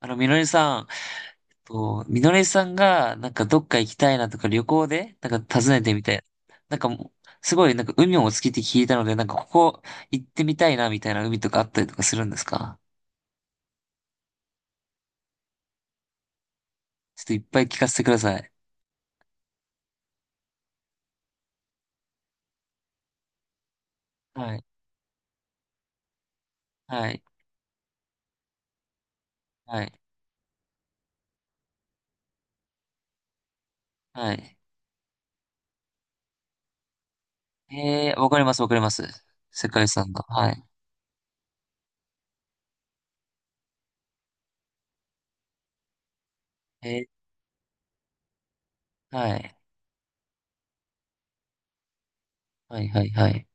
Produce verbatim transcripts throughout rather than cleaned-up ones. あの、みのりさん、と、みのりさんが、なんかどっか行きたいなとか旅行で、なんか訪ねてみたい。なんかもう、すごい、なんか海もお好きって聞いたので、なんかここ行ってみたいなみたいな海とかあったりとかするんですか？ちょっといっぱい聞かせてください。はい、はい、はい、はい。えー、わかります、わかります。世界遺産の。はい。えー、はい、はい、はい、はい。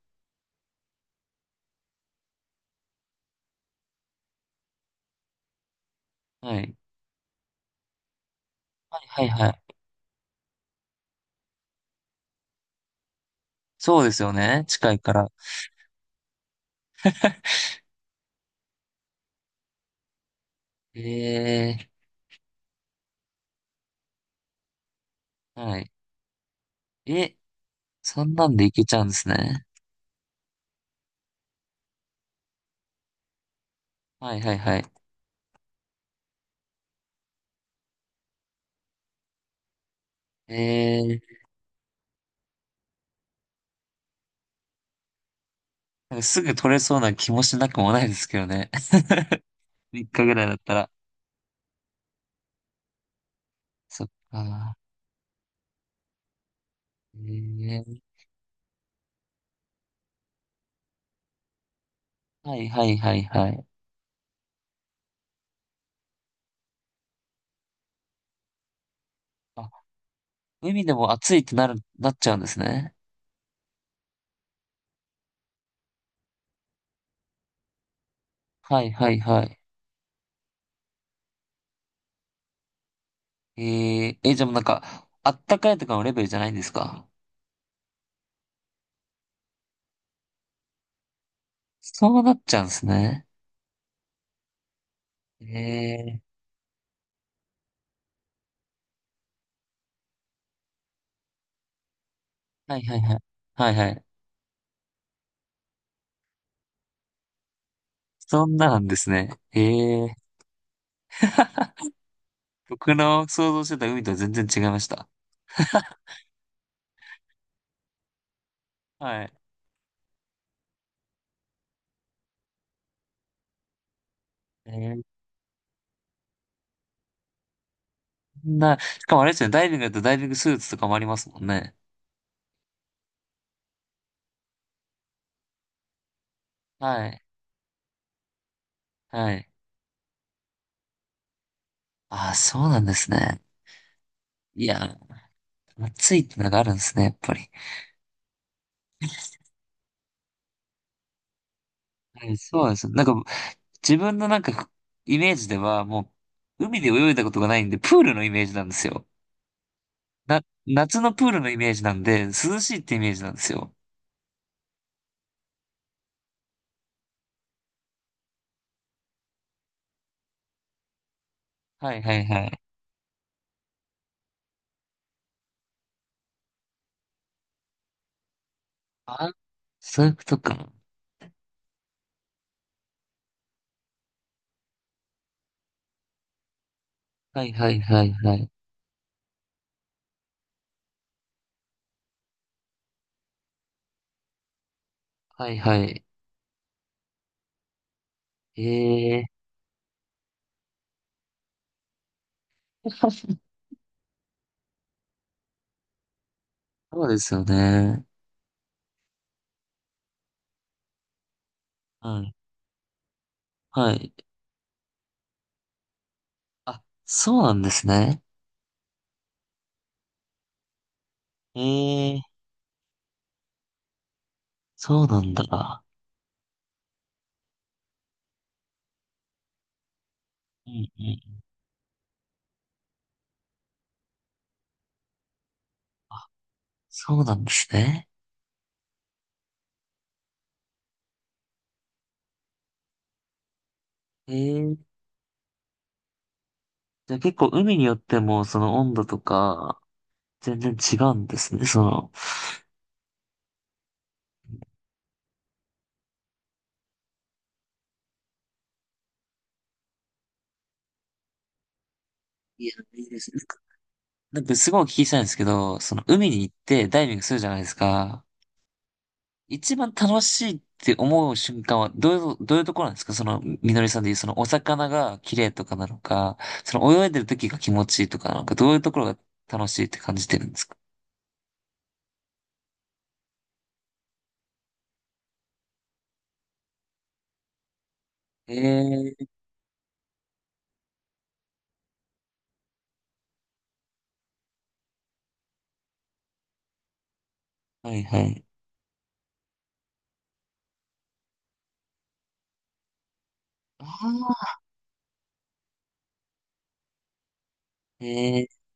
はい、はい、はい。そうですよね。近いから。えー、はい。え、そんなんで行けちゃうんですね。はい、はい、はい。ええ、なんかすぐ取れそうな気もしなくもないですけどね。みっかぐらいだったら。そっか。ええ、はいはいはいはい。あ、海でも暑いってなる、なっちゃうんですね。はいはいはい。えええ、じゃあもうなんか、あったかいとかのレベルじゃないんですか？そうなっちゃうんですね。ええ、はいはいはい。はいはい。そんななんですね。ええ。 僕の想像してた海とは全然違いました。はい。ええ、な、しかもあれですね、ダイビングだとダイビングスーツとかもありますもんね。はい。はい。ああ、そうなんですね。いや、暑いってのがあるんですね、やっぱり。はい、そうなんですよ。なんか、自分のなんか、イメージでは、もう、海で泳いだことがないんで、プールのイメージなんですよ。な、夏のプールのイメージなんで、涼しいってイメージなんですよ。はいはいはい。あ、そういうことか。はいはいはいはい。はいはい。ええー。 そうですよね。はい。はい。あ、そうなんですね。ええ、そうなんだ。うんうん。そうなんですね。ええ、じゃあ結構海によってもその温度とか全然違うんですね、その。いや、いいですね。なんかすごいお聞きしたいんですけど、その海に行ってダイビングするじゃないですか。一番楽しいって思う瞬間はどういう、どういうところなんですか？そのみのりさんで言うそのお魚が綺麗とかなのか、その泳いでる時が気持ちいいとか、なのかどういうところが楽しいって感じてるんですか？ええ、はいはい。ああ、ええ、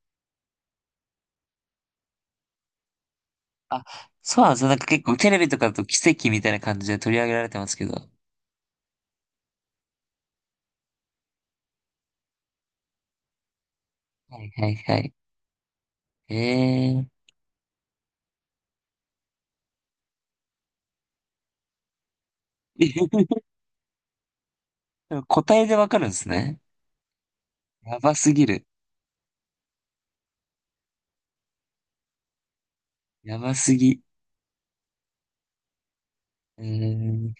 あ、そうなんですよ。なんか結構テレビとかだと奇跡みたいな感じで取り上げられてますけど。はいはいはい。ええ。 答えでわかるんですね。やばすぎる。やばすぎ。うーん、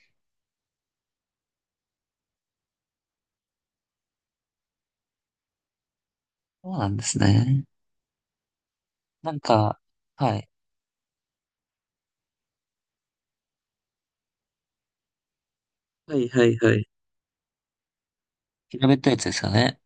そうなんですね。なんか、はい。はいはいはい。調べったいやつですよね。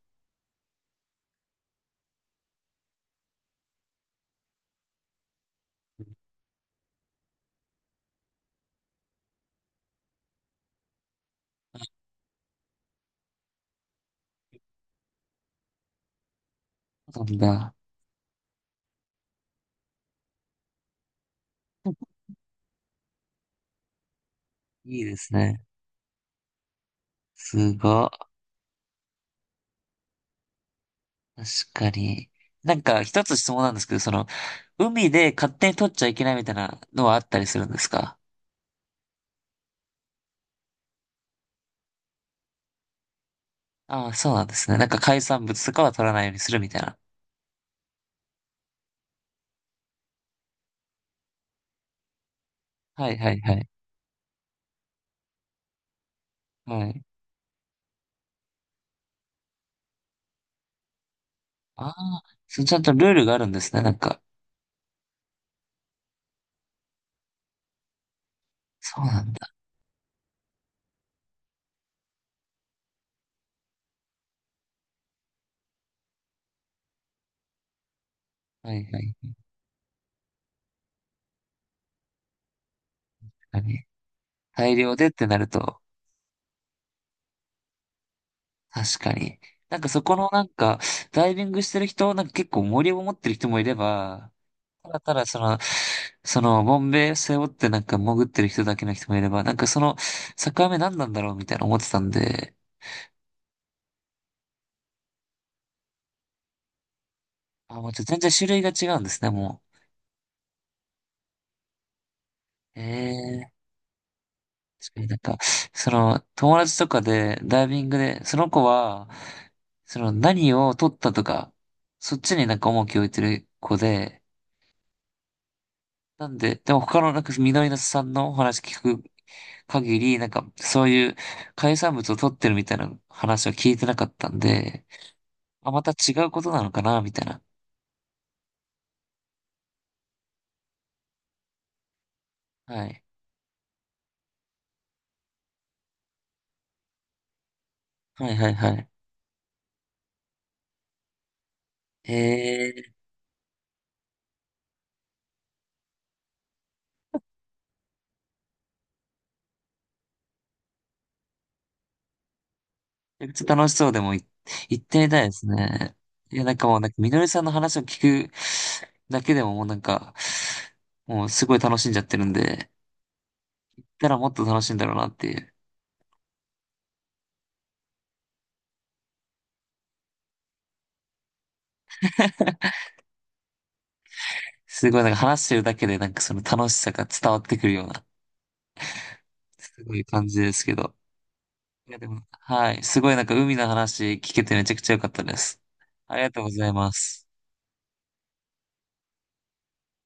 そうなんだ。いいですね。すごい。確かに。なんか一つ質問なんですけど、その、海で勝手に取っちゃいけないみたいなのはあったりするんですか？ああー、そうなんですね。なんか海産物とかは取らないようにするみたいな。はいはいはい。はい。ああ、そう、ちゃんとルールがあるんですね。なんか、そうなんだ。はいはい。確かに。大量でってなると、確かに。なんかそこのなんか、ダイビングしてる人、なんか結構森を持ってる人もいれば、ただただその、その、ボンベ背負ってなんか潜ってる人だけの人もいれば、なんかその、境目何なんだろうみたいな思ってたんで、あ、もうちょっと全然種類が違うんですね、もう。ええ、確かになんか、その、友達とかで、ダイビングで、その子は、その、何を取ったとか、そっちになんか重きを置いてる子で、なんで、でも他のなんか、緑のさんのお話聞く限り、なんか、そういう海産物を取ってるみたいな話は聞いてなかったんで、あ、また違うことなのかなみたいな。はい。はいはいはい。えー、めっちゃ楽しそうでもい、行ってみたいですね。いや、なんかもう、なんか、みのりさんの話を聞くだけでももうなんか、もうすごい楽しんじゃってるんで、行ったらもっと楽しいんだろうなっていう。すごいなんか話してるだけでなんかその楽しさが伝わってくるような、すごい感じですけど。いやでも、はい。すごいなんか海の話聞けてめちゃくちゃ良かったです。ありがとうございます。